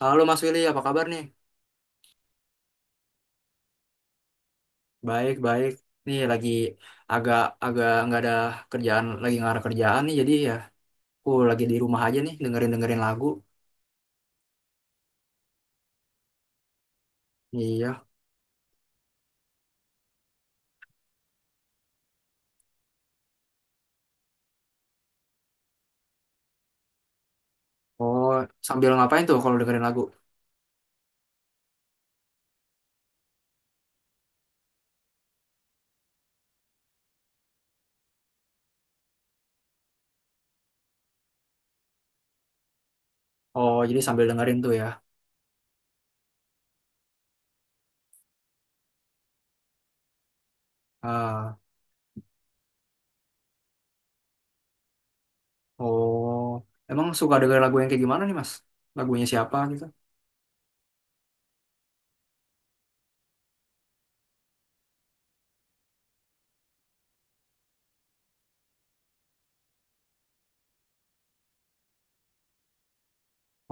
Halo Mas Willy, apa kabar nih? Baik, baik. Nih lagi agak agak nggak ada kerjaan, lagi nggak ada kerjaan nih. Jadi ya, aku lagi di rumah aja nih, dengerin dengerin lagu. Iya. Oh, sambil ngapain tuh kalau dengerin lagu? Oh, jadi sambil dengerin tuh ya. Ah, oh, emang suka denger lagu yang kayak gimana nih Mas? Lagunya siapa gitu?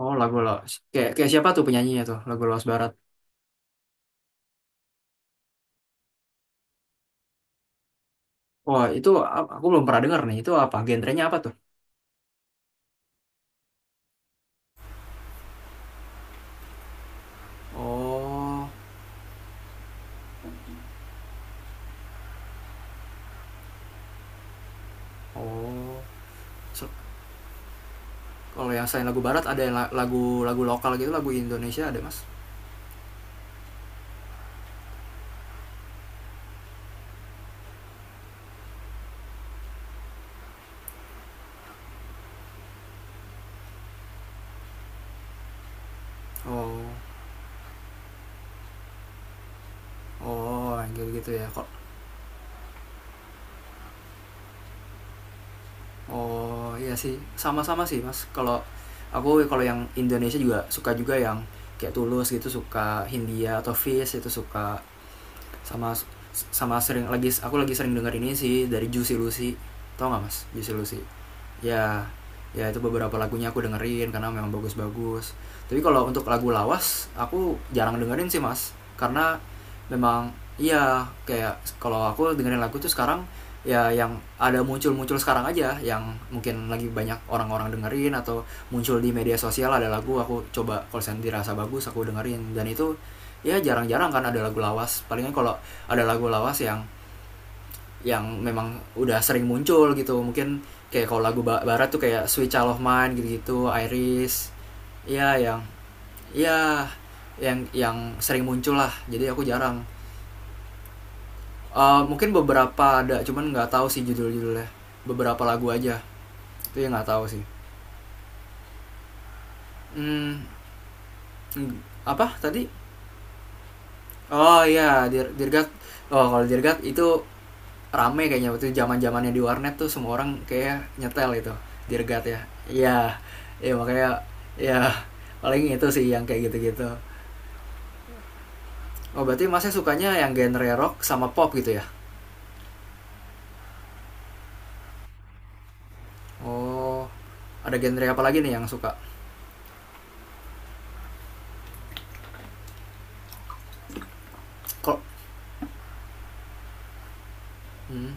Oh, lagu Los. Kayak kayak siapa tuh penyanyinya tuh? Lagu Los Barat. Oh, itu aku belum pernah denger nih. Itu apa? Genrenya apa tuh? Oh, oh. Kalau yang selain lagu barat ada yang lagu lagu lokal gitu, lagu Indonesia ada mas? Oh, oh, gitu gitu ya. Kok? Oh, iya sih, sama-sama sih mas. Kalau aku kalau yang Indonesia juga suka juga yang kayak Tulus gitu suka Hindia atau Fish itu suka sama sama sering lagi aku lagi sering dengar ini sih dari Juicy Lucy, tau nggak mas Juicy Lucy? Ya, ya itu beberapa lagunya aku dengerin karena memang bagus-bagus. Tapi kalau untuk lagu lawas aku jarang dengerin sih mas, karena memang iya. Kayak kalau aku dengerin lagu tuh sekarang ya yang ada muncul-muncul sekarang aja, yang mungkin lagi banyak orang-orang dengerin atau muncul di media sosial. Ada lagu aku coba kalau dirasa bagus aku dengerin, dan itu ya jarang-jarang kan ada lagu lawas. Palingnya kalau ada lagu lawas yang memang udah sering muncul gitu, mungkin kayak kalau lagu barat tuh kayak Sweet Child of Mine gitu-gitu, Iris, ya yang ya yang sering muncul lah, jadi aku jarang. Mungkin beberapa ada cuman nggak tahu sih judul-judulnya, beberapa lagu aja, itu yang nggak tahu sih. hmm, apa tadi? Oh iya, Dirgat. Oh kalau Dirgat itu rame kayaknya waktu zamannya di warnet tuh semua orang kayak nyetel itu, dirgat ya. Iya, ya makanya ya, paling itu sih yang kayak gitu-gitu. Oh berarti masnya sukanya yang genre rock sama pop gitu ya. Oh, ada genre apa lagi nih yang suka? Kok? Hmm.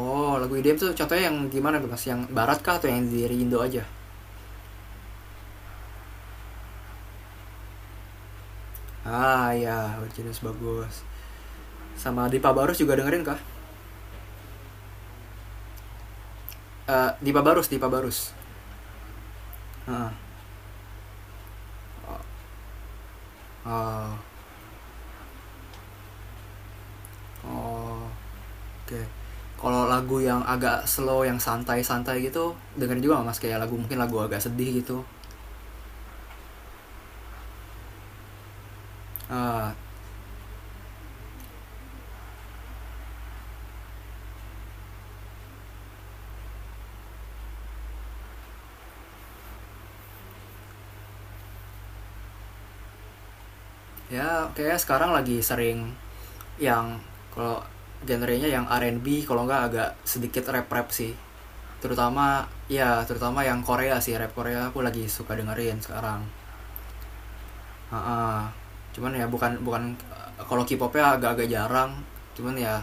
Oh lagu IDM tuh contohnya yang gimana tuh mas, yang barat kah atau yang dari Indo aja? Ah ya, jenis bagus. Sama Dipa Barus juga dengerin kah? Dipa Barus, Dipa Barus. Heeh. Uh. Oh, oh. Oke. Kalau lagu yang agak slow, yang santai-santai gitu, dengerin juga nggak mas, kayak lagu mungkin lagu agak sedih gitu. Eh, ya kayak sekarang lagi sering yang kalau genrenya yang R&B, kalau nggak agak sedikit rap-rap sih. Terutama ya terutama yang Korea sih, rap Korea aku lagi suka dengerin sekarang. Heeh. Cuman ya bukan bukan kalau K-popnya agak-agak jarang. Cuman ya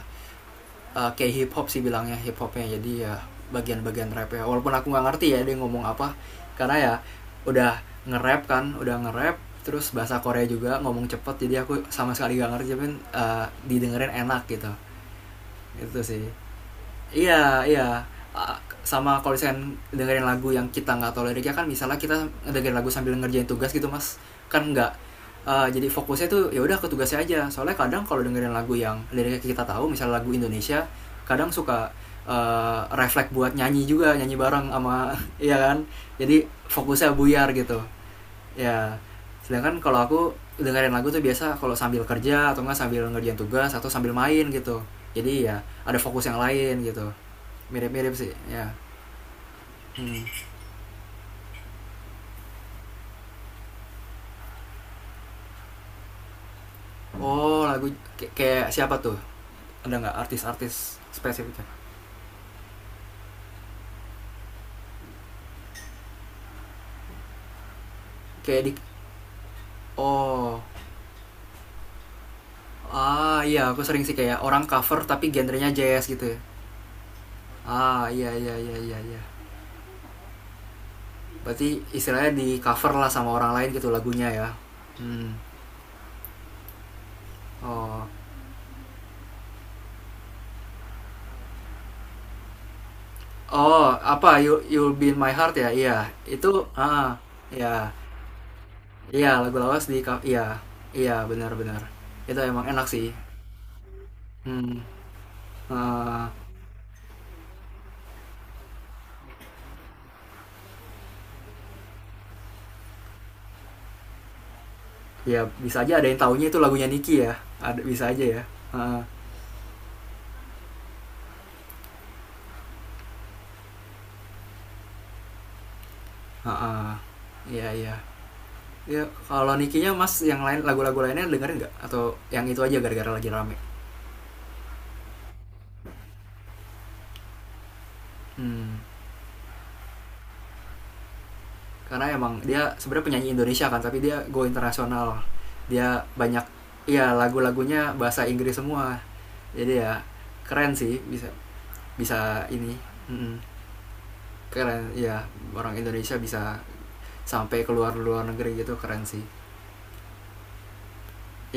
kayak hip hop sih bilangnya, hip hopnya jadi ya bagian-bagian rap ya, walaupun aku nggak ngerti ya dia ngomong apa, karena ya udah nge-rap kan, udah nge-rap terus bahasa Korea juga ngomong cepet, jadi aku sama sekali gak ngerti tapi didengerin enak gitu. Itu sih. Iya, iya. Ah, sama kalau misalkan dengerin lagu yang kita nggak tahu liriknya kan, misalnya kita dengerin lagu sambil ngerjain tugas gitu mas, kan nggak. Jadi fokusnya tuh ya udah ke tugasnya aja, soalnya kadang kalau dengerin lagu yang liriknya kita tahu misalnya lagu Indonesia, kadang suka refleks buat nyanyi juga, nyanyi bareng sama iya kan, jadi fokusnya buyar gitu ya. Sedangkan kalau aku dengerin lagu tuh biasa kalau sambil kerja atau nggak sambil ngerjain tugas atau sambil main gitu, jadi ya ada fokus yang lain gitu. Mirip-mirip sih ya. Hmm. Oh lagu kayak siapa tuh, ada nggak artis-artis spesifiknya? Kayak di. Oh. Ah iya, aku sering sih kayak orang cover tapi genrenya jazz gitu ya. Ah iya iya iya iya iya. Berarti istilahnya di cover lah sama orang lain gitu lagunya ya. Hmm. Oh. Oh apa, you you'll be in my heart ya, iya itu. Ah iya, iya lagu lawas di iya. Iya benar-benar, itu emang enak sih. Hmm. Ah, ya bisa aja ada yang taunya itu lagunya Niki ya. Ada, bisa aja ya. Heeh. Heeh. Ya, iya ya. Kalau Nikinya mas yang lain, lagu-lagu lainnya dengerin nggak atau yang itu aja gara-gara lagi rame? Hmm. Karena emang dia sebenarnya penyanyi Indonesia kan, tapi dia go internasional. Dia banyak ya lagu-lagunya bahasa Inggris semua, jadi ya keren sih bisa, bisa ini. Mm-mm. Keren ya, orang Indonesia bisa sampai keluar luar negeri gitu, keren sih.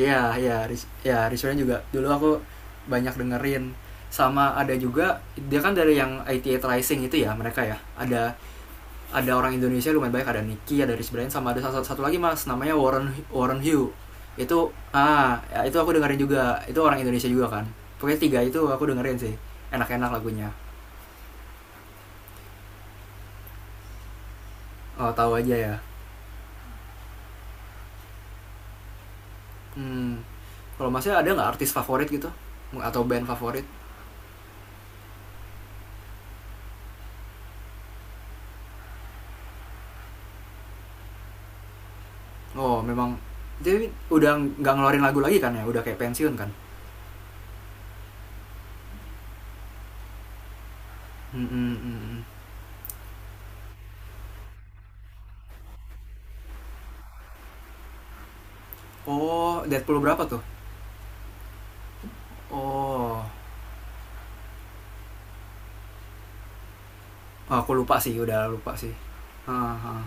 Iya, iya, Ris ya, Rizwan juga. Dulu aku banyak dengerin. Sama ada juga dia kan dari yang IT Rising itu ya mereka ya. Ada orang Indonesia lumayan banyak, ada Nicky, ada Rich Brian sama ada satu, satu lagi Mas, namanya Warren, Warren Hugh. Itu ah ya, itu aku dengerin juga. Itu orang Indonesia juga kan. Pokoknya tiga itu aku dengerin sih. Enak-enak lagunya. Oh, tahu aja ya. Hmm, kalau Masnya ada nggak artis favorit gitu? Atau band favorit? Oh, memang jadi udah nggak ngeluarin lagu lagi kan ya? Udah kayak pensiun kan? Mm-mm, mm-mm. Oh, Deadpool berapa tuh? Oh, aku lupa sih, udah lupa sih. Ah, ah.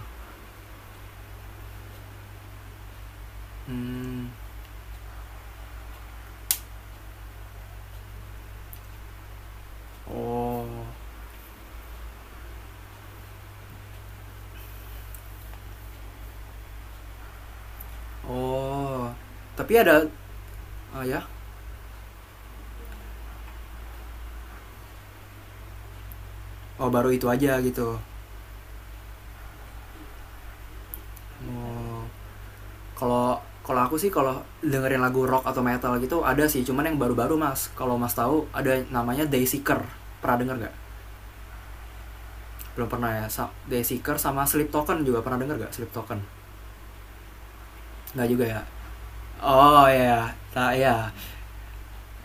Hmm. Oh, oh. Tapi ada, ah, ya? Oh, baru itu aja gitu. Oh, kalau kalau aku sih kalau dengerin lagu rock atau metal gitu ada sih, cuman yang baru-baru mas. Kalau mas tahu ada namanya Dayseeker. Pernah denger nggak? Belum pernah ya. Dayseeker sama Sleep Token juga pernah denger nggak? Sleep Token? Nggak juga ya. Oh ya, tak ya.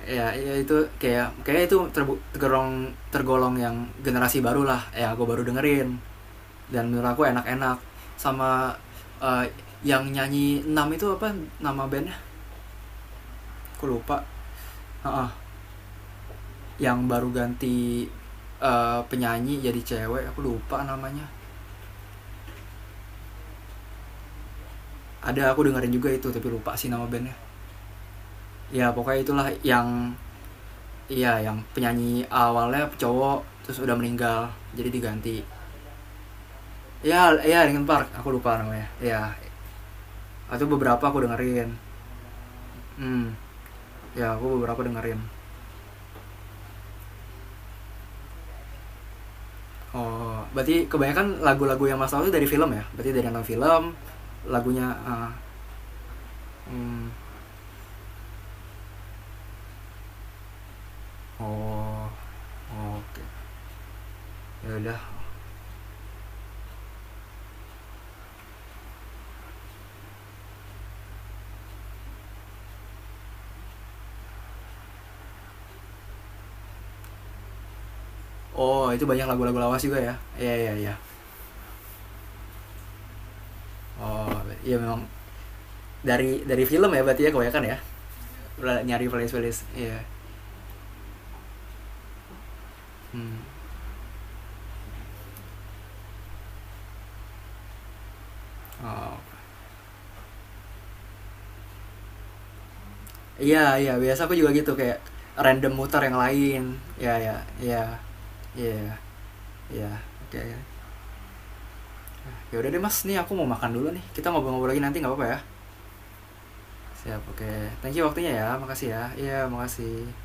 Ya, ya itu kayak, kayak itu tergolong tergolong yang generasi baru lah ya, gue baru dengerin dan menurut aku enak-enak. Sama eh, yang nyanyi 6 itu apa nama bandnya, aku lupa. Heeh, yang baru ganti penyanyi jadi cewek, aku lupa namanya. Ada aku dengerin juga itu tapi lupa sih nama bandnya. Ya pokoknya itulah yang, iya yang penyanyi awalnya cowok terus udah meninggal, jadi diganti. Ya, ya dengan Park, aku lupa namanya ya, atau beberapa aku dengerin. Hmm. Ya aku beberapa dengerin. Oh berarti kebanyakan lagu-lagu yang mas tahu itu dari film ya, berarti dari nonton film lagunya ah. Hmm. Oh, oh oke, okay. Ya udah. Oh itu banyak lagu-lagu lawas juga ya, iya iya iya. Oh iya memang, dari film ya berarti ya kebanyakan ya. Nyari playlist playlist iya. Hmm. Oh iya iya, biasa aku juga gitu kayak random muter yang lain. Iya iya iya iya iya. Oke, okay. Ya udah deh mas, nih aku mau makan dulu nih, kita ngobrol-ngobrol lagi nanti nggak apa-apa ya. Siap, oke okay. Thank you waktunya ya, makasih ya, iya makasih.